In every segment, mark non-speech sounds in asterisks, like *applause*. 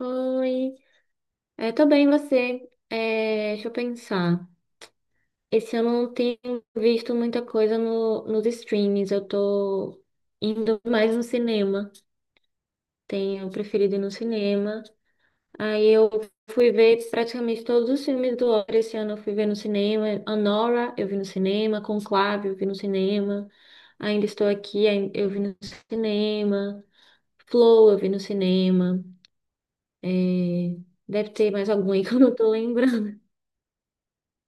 Oi, tô bem, você? Deixa eu pensar. Esse ano eu não tenho visto muita coisa no, nos streams, eu tô indo mais no cinema. Tenho preferido ir no cinema. Aí eu fui ver praticamente todos os filmes do Oscar esse ano, eu fui ver no cinema. Anora, eu vi no cinema. Conclave, eu vi no cinema. Ainda Estou Aqui, eu vi no cinema. Flow, eu vi no cinema. É, deve ter mais algum aí *laughs* que eu não tô lembrando.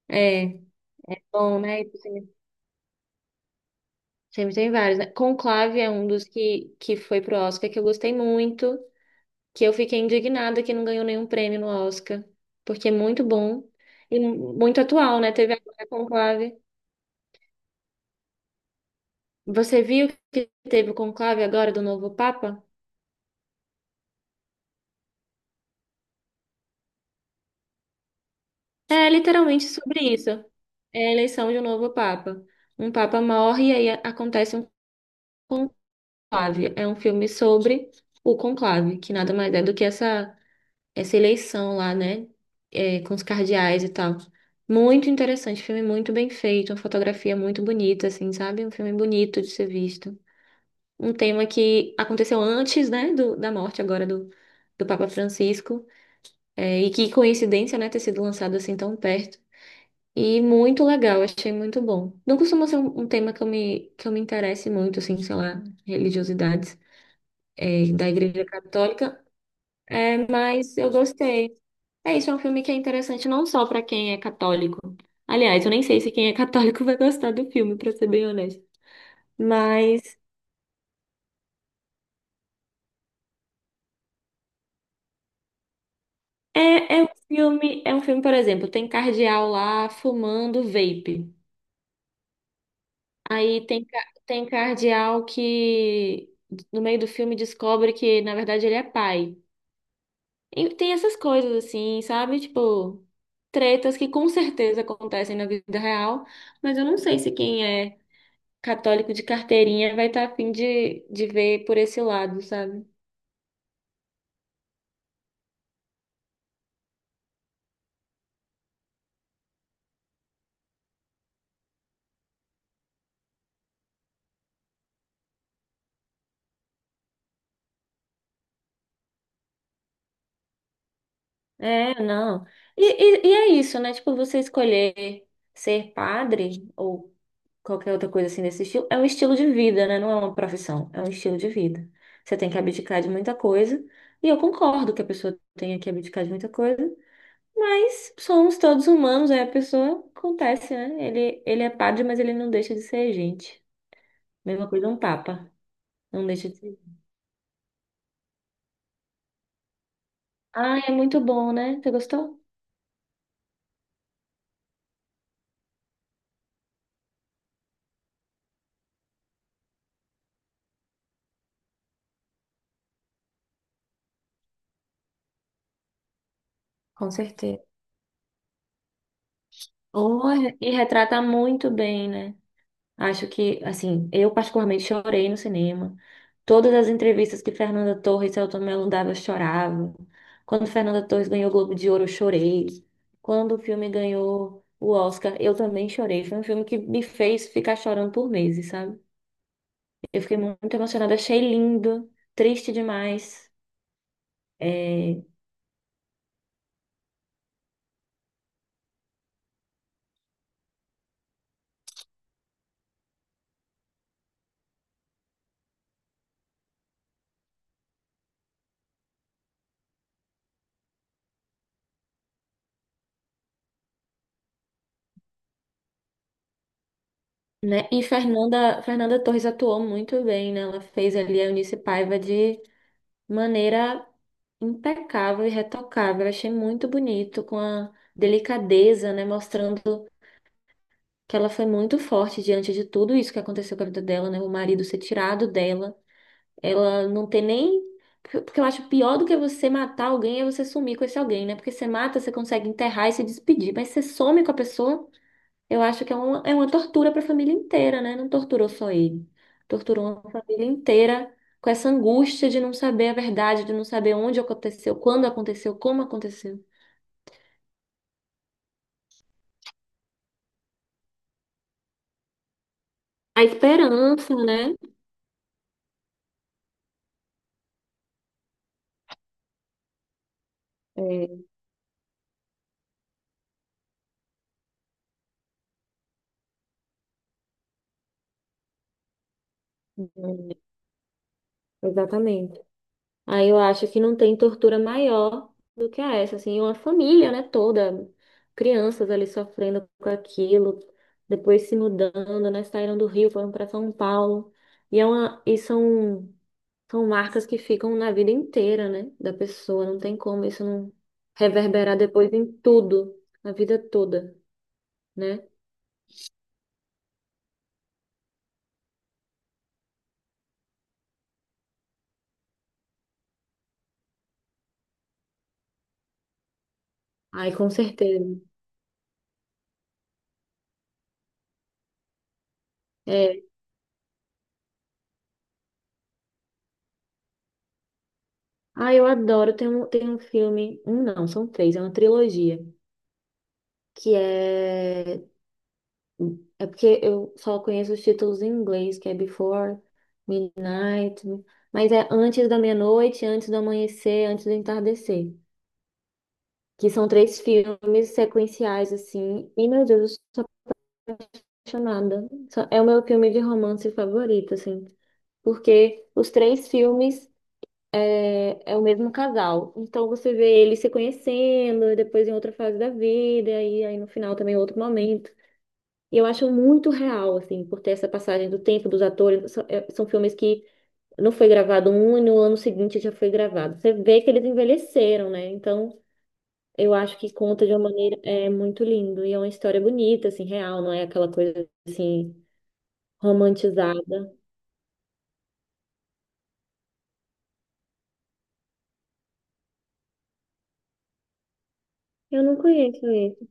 É. Bom, né? Isso sempre tem vários, né? Conclave é um dos que foi pro Oscar que eu gostei muito, que eu fiquei indignada que não ganhou nenhum prêmio no Oscar, porque é muito bom e muito atual, né? Teve agora Conclave. Você viu que teve o Conclave agora do novo Papa? É literalmente sobre isso. É a eleição de um novo Papa. Um Papa morre e aí acontece um conclave. É um filme sobre o conclave, que nada mais é do que essa eleição lá, né? É, com os cardeais e tal. Muito interessante, filme muito bem feito, uma fotografia muito bonita, assim, sabe? Um filme bonito de ser visto. Um tema que aconteceu antes, né, da morte agora do Papa Francisco, e que coincidência, né, ter sido lançado assim tão perto. E muito legal, achei muito bom. Não costuma ser um tema que que eu me interesse muito, assim, sei lá, religiosidades, da Igreja Católica, é, mas eu gostei. É isso, é um filme que é interessante não só pra quem é católico. Aliás, eu nem sei se quem é católico *laughs* vai gostar do filme, pra ser bem honesto. Mas é, é um filme, por exemplo, tem cardeal lá fumando vape. Aí tem, ca- tem cardeal que no meio do filme descobre que, na verdade, ele é pai. E tem essas coisas assim, sabe? Tipo, tretas que com certeza acontecem na vida real, mas eu não sei se quem é católico de carteirinha vai estar tá a fim de ver por esse lado, sabe? É, não. E é isso, né? Tipo, você escolher ser padre ou qualquer outra coisa assim desse estilo, é um estilo de vida, né? Não é uma profissão, é um estilo de vida. Você tem que abdicar de muita coisa, e eu concordo que a pessoa tenha que abdicar de muita coisa, mas somos todos humanos, aí a pessoa acontece, né? Ele é padre, mas ele não deixa de ser gente. Mesma coisa um papa, não deixa de ser. Ah, é muito bom, né? Você gostou? Com certeza. Oh, e retrata muito bem, né? Acho que, assim, eu particularmente chorei no cinema. Todas as entrevistas que Fernanda Torres e Selton Mello dava, eu chorava. Quando Fernanda Torres ganhou o Globo de Ouro, eu chorei. Quando o filme ganhou o Oscar, eu também chorei. Foi um filme que me fez ficar chorando por meses, sabe? Eu fiquei muito emocionada, achei lindo, triste demais. É, né? E Fernanda Torres atuou muito bem, né? Ela fez ali a Eunice Paiva de maneira impecável e retocável. Eu achei muito bonito, com a delicadeza, né? Mostrando que ela foi muito forte diante de tudo isso que aconteceu com a vida dela, né? O marido ser tirado dela. Ela não ter nem. Porque eu acho pior do que você matar alguém é você sumir com esse alguém, né? Porque você mata, você consegue enterrar e se despedir, mas você some com a pessoa. Eu acho que é é uma tortura para a família inteira, né? Não torturou só ele. Torturou uma família inteira com essa angústia de não saber a verdade, de não saber onde aconteceu, quando aconteceu, como aconteceu. A esperança, né? É, hum, exatamente. Aí eu acho que não tem tortura maior do que essa, assim, uma família, né, toda, crianças ali sofrendo com aquilo, depois se mudando, né, saíram do Rio, foram para São Paulo. E são São marcas que ficam na vida inteira, né, da pessoa. Não tem como isso não reverberar depois em tudo, na vida toda, né? Ai, com certeza. É. Ah, eu adoro. Tem um filme, um não, são três, é uma trilogia, que é é porque eu só conheço os títulos em inglês, que é Before Midnight, mas é Antes da Meia-Noite, Antes do Amanhecer, Antes do Entardecer, que são três filmes sequenciais assim. E meu Deus, apaixonada. É o meu filme de romance favorito, assim, porque os três filmes é o mesmo casal. Então você vê eles se conhecendo, e depois em outra fase da vida, aí no final também é outro momento. E eu acho muito real, assim, por ter essa passagem do tempo dos atores. São filmes que não foi gravado um e no ano seguinte já foi gravado. Você vê que eles envelheceram, né? Então eu acho que conta de uma maneira muito lindo e é uma história bonita, assim, real, não é aquela coisa assim romantizada. Eu não conheço esse.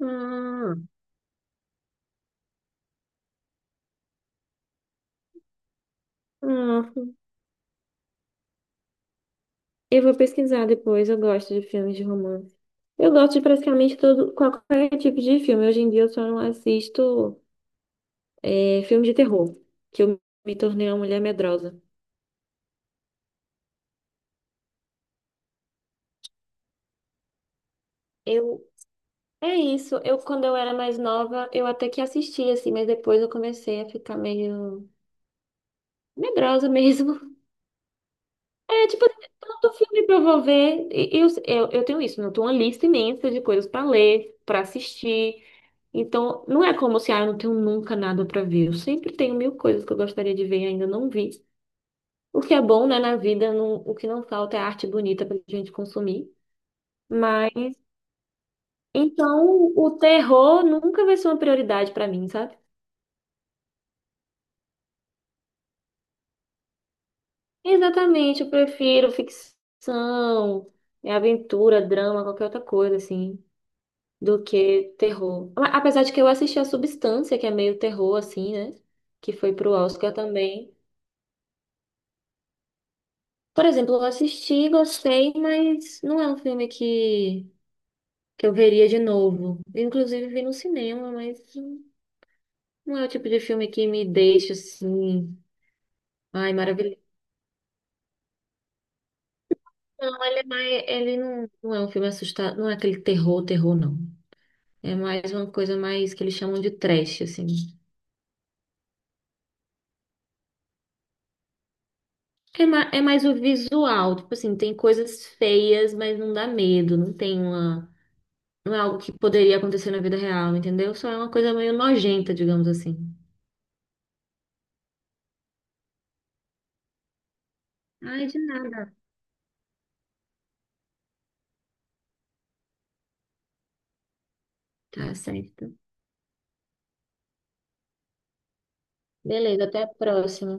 Ah, ah, eu vou pesquisar depois. Eu gosto de filmes de romance. Eu gosto de praticamente todo, qualquer tipo de filme. Hoje em dia eu só não assisto filme de terror, que eu me tornei uma mulher medrosa. Eu, é isso. Eu, quando eu era mais nova, eu até que assistia, assim, mas depois eu comecei a ficar meio medrosa *laughs* mesmo. É, tipo, tanto filme pra eu vou ver. Eu tenho isso, né? Eu tenho uma lista imensa de coisas pra ler, pra assistir. Então, não é como se, ah, eu não tenho nunca nada pra ver. Eu sempre tenho mil coisas que eu gostaria de ver e ainda não vi. O que é bom, né, na vida, o que não falta é arte bonita pra gente consumir. Mas, então, o terror nunca vai ser uma prioridade pra mim, sabe? Exatamente, eu prefiro ficção, aventura, drama, qualquer outra coisa, assim, do que terror. Apesar de que eu assisti a Substância, que é meio terror, assim, né? Que foi pro Oscar também. Por exemplo, eu assisti, gostei, mas não é um filme que eu veria de novo. Inclusive, vi no cinema, mas não é o tipo de filme que me deixa assim, ai, maravilhoso. Não, ele é mais, ele não, não é um filme assustado, não é aquele terror, terror, não. É mais uma coisa mais que eles chamam de trash, assim. É mais o visual, tipo assim, tem coisas feias, mas não dá medo, não tem uma, não é algo que poderia acontecer na vida real, entendeu? Só é uma coisa meio nojenta, digamos assim. Ai, de nada. Tá certo. Beleza, até a próxima.